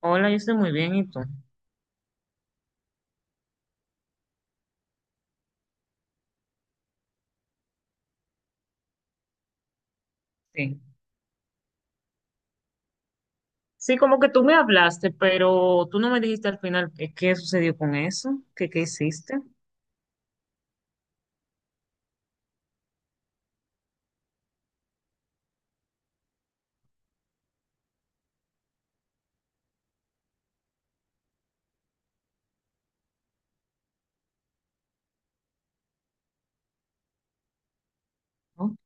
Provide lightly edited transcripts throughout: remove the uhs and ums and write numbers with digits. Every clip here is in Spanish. Hola, yo estoy muy bien, ¿y tú? Sí. Sí, como que tú me hablaste, pero tú no me dijiste al final qué sucedió con eso, qué hiciste, ¿no?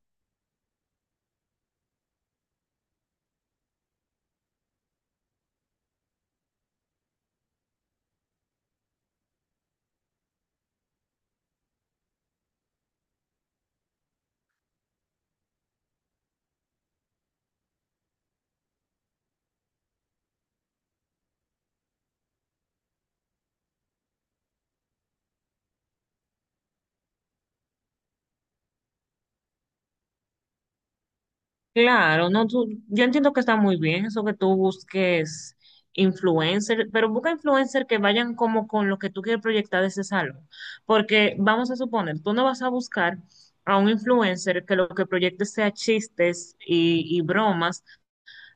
Claro, no, yo entiendo que está muy bien eso que tú busques influencer, pero busca influencer que vayan como con lo que tú quieres proyectar de ese salón, porque vamos a suponer, tú no vas a buscar a un influencer que lo que proyecte sea chistes y bromas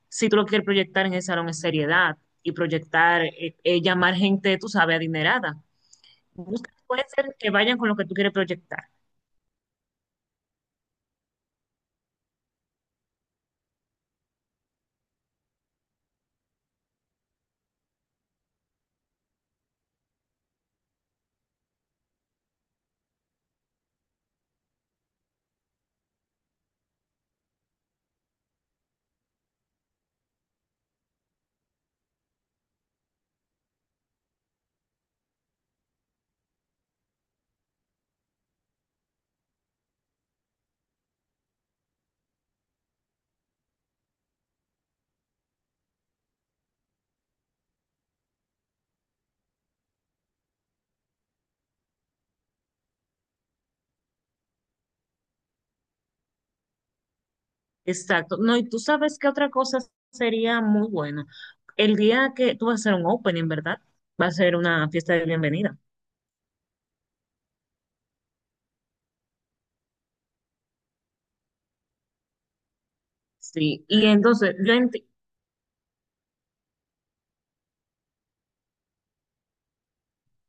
si tú lo que quieres proyectar en ese salón es seriedad y proyectar, llamar gente, tú sabes, adinerada. Puede ser que vayan con lo que tú quieres proyectar. Exacto. No, y tú sabes que otra cosa sería muy bueno. El día que tú vas a hacer un opening, ¿verdad? Va a ser una fiesta de bienvenida. Sí. Y entonces,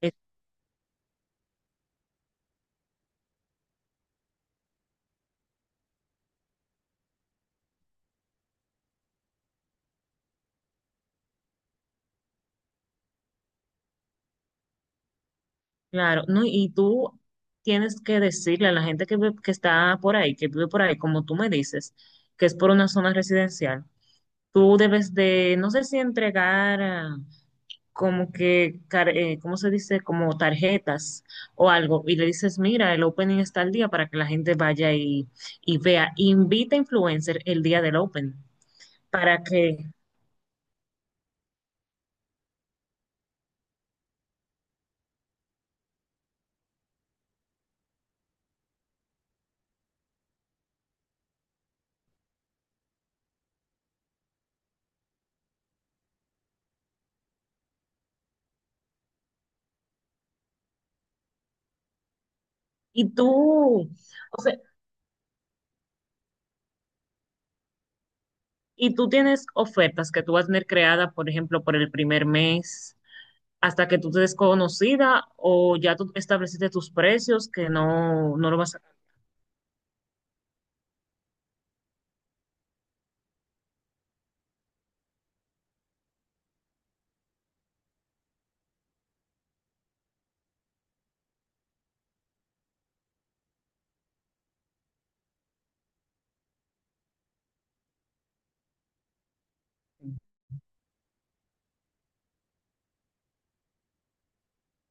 eh, claro, no, y tú tienes que decirle a la gente que, que está por ahí, que vive por ahí, como tú me dices, que es por una zona residencial. Tú debes de, no sé si entregar como que, ¿cómo se dice? Como tarjetas o algo. Y le dices, mira, el opening está al día para que la gente vaya y vea. Invita a influencer el día del opening para que... Y tú, o sea, y tú tienes ofertas que tú vas a tener creada, por ejemplo, por el primer mes, hasta que tú te des conocida o ya tú estableciste tus precios que no, no lo vas a...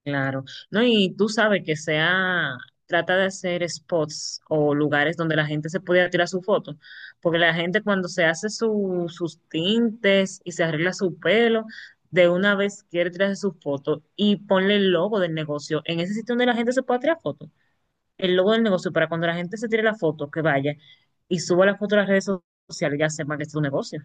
Claro, no, y tú sabes que sea, trata de hacer spots o lugares donde la gente se pueda tirar su foto, porque la gente cuando se hace sus tintes y se arregla su pelo, de una vez quiere tirarse su foto y ponle el logo del negocio en ese sitio donde la gente se pueda tirar foto, el logo del negocio para cuando la gente se tire la foto, que vaya y suba la foto a las redes sociales, ya sepa que es tu negocio.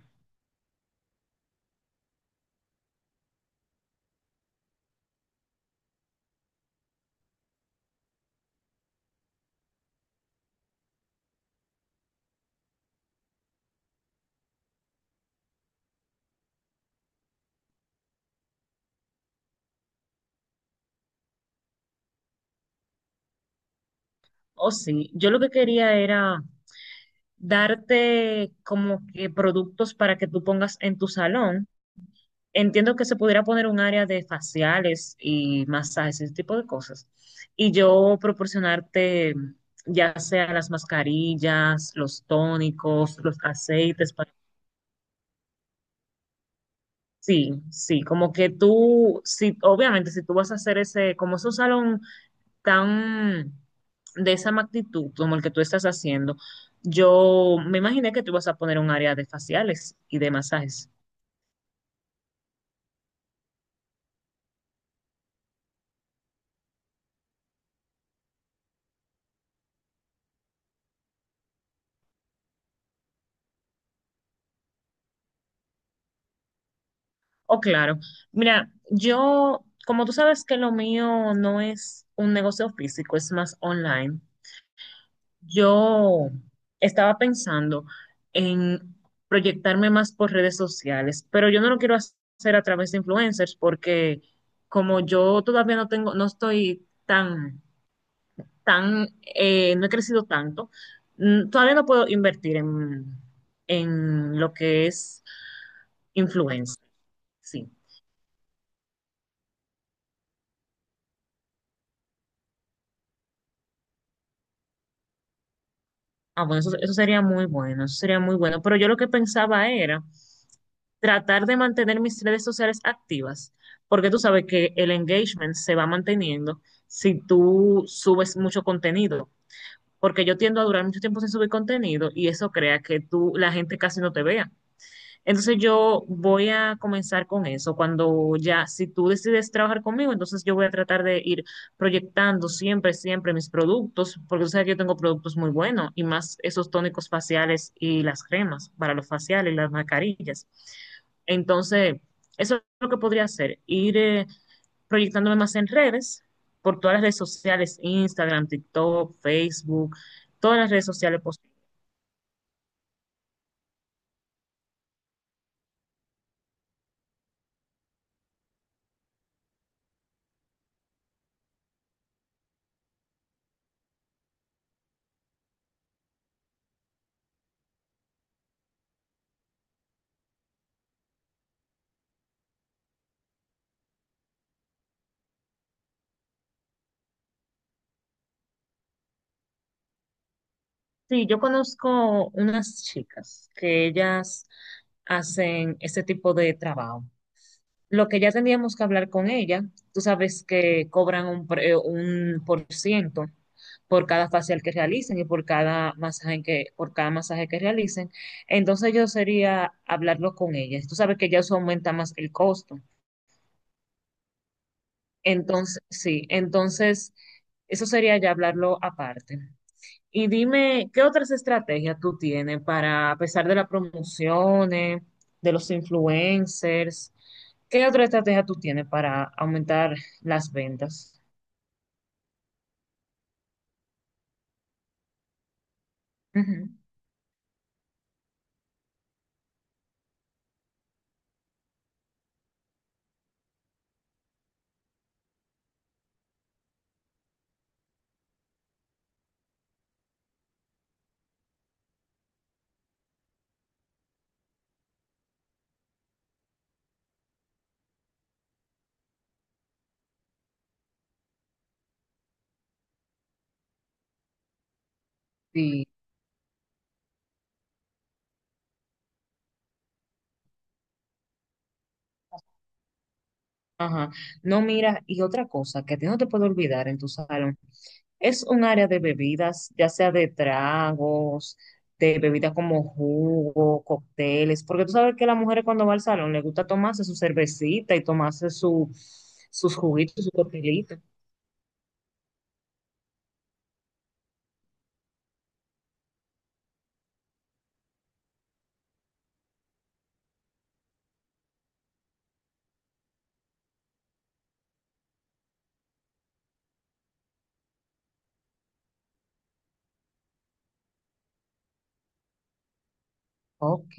Oh, sí, yo lo que quería era darte como que productos para que tú pongas en tu salón. Entiendo que se pudiera poner un área de faciales y masajes, ese tipo de cosas. Y yo proporcionarte ya sea las mascarillas, los tónicos, los aceites. Sí, sí, como que tú, sí, obviamente si tú vas a hacer ese, como es un salón tan de esa magnitud como el que tú estás haciendo, yo me imaginé que tú ibas a poner un área de faciales y de masajes. Oh, claro. Mira, yo, como tú sabes que lo mío no es un negocio físico, es más online, yo estaba pensando en proyectarme más por redes sociales, pero yo no lo quiero hacer a través de influencers porque como yo todavía no tengo, no he crecido tanto. Todavía no puedo invertir en lo que es influencer. Sí. Ah, bueno, eso sería muy bueno, eso sería muy bueno. Pero yo lo que pensaba era tratar de mantener mis redes sociales activas, porque tú sabes que el engagement se va manteniendo si tú subes mucho contenido, porque yo tiendo a durar mucho tiempo sin subir contenido y eso crea que la gente casi no te vea. Entonces yo voy a comenzar con eso. Cuando ya, si tú decides trabajar conmigo, entonces yo voy a tratar de ir proyectando siempre, siempre mis productos, porque tú sabes que yo tengo productos muy buenos y más esos tónicos faciales y las cremas para los faciales y las mascarillas. Entonces, eso es lo que podría hacer, ir proyectándome más en redes, por todas las redes sociales, Instagram, TikTok, Facebook, todas las redes sociales posibles. Sí, yo conozco unas chicas que ellas hacen este tipo de trabajo. Lo que ya tendríamos que hablar con ella, tú sabes que cobran un por ciento por cada facial que realicen y por cada masaje que realicen. Entonces yo sería hablarlo con ella. Tú sabes que ya eso aumenta más el costo. Entonces, sí, entonces eso sería ya hablarlo aparte. Y dime, ¿qué otras estrategias tú tienes para, a pesar de las promociones, de los influencers, qué otra estrategia tú tienes para aumentar las ventas? Ujú. Sí, ajá. No, mira, y otra cosa que a ti no te puedo olvidar en tu salón, es un área de bebidas, ya sea de tragos, de bebidas como jugo, cócteles, porque tú sabes que las mujeres cuando va al salón les gusta tomarse su cervecita y tomarse sus juguitos, sus cóctelitos. Ok,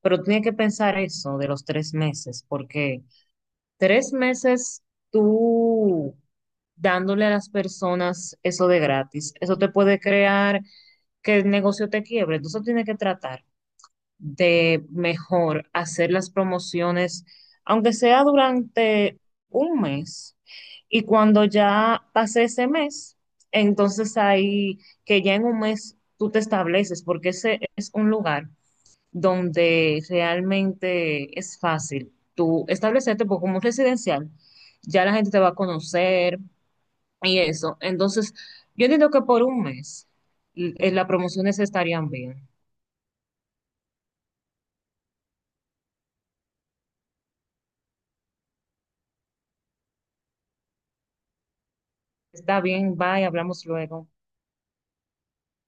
pero tiene que pensar eso de los 3 meses, porque 3 meses tú dándole a las personas eso de gratis, eso te puede crear que el negocio te quiebre. Entonces tiene que tratar de mejor hacer las promociones, aunque sea durante un mes. Y cuando ya pase ese mes, entonces ahí que ya en un mes tú te estableces, porque ese es un lugar donde realmente es fácil tú establecerte, porque como es residencial, ya la gente te va a conocer y eso. Entonces, yo entiendo que por un mes las promociones estarían bien. Está bien, bye, hablamos luego.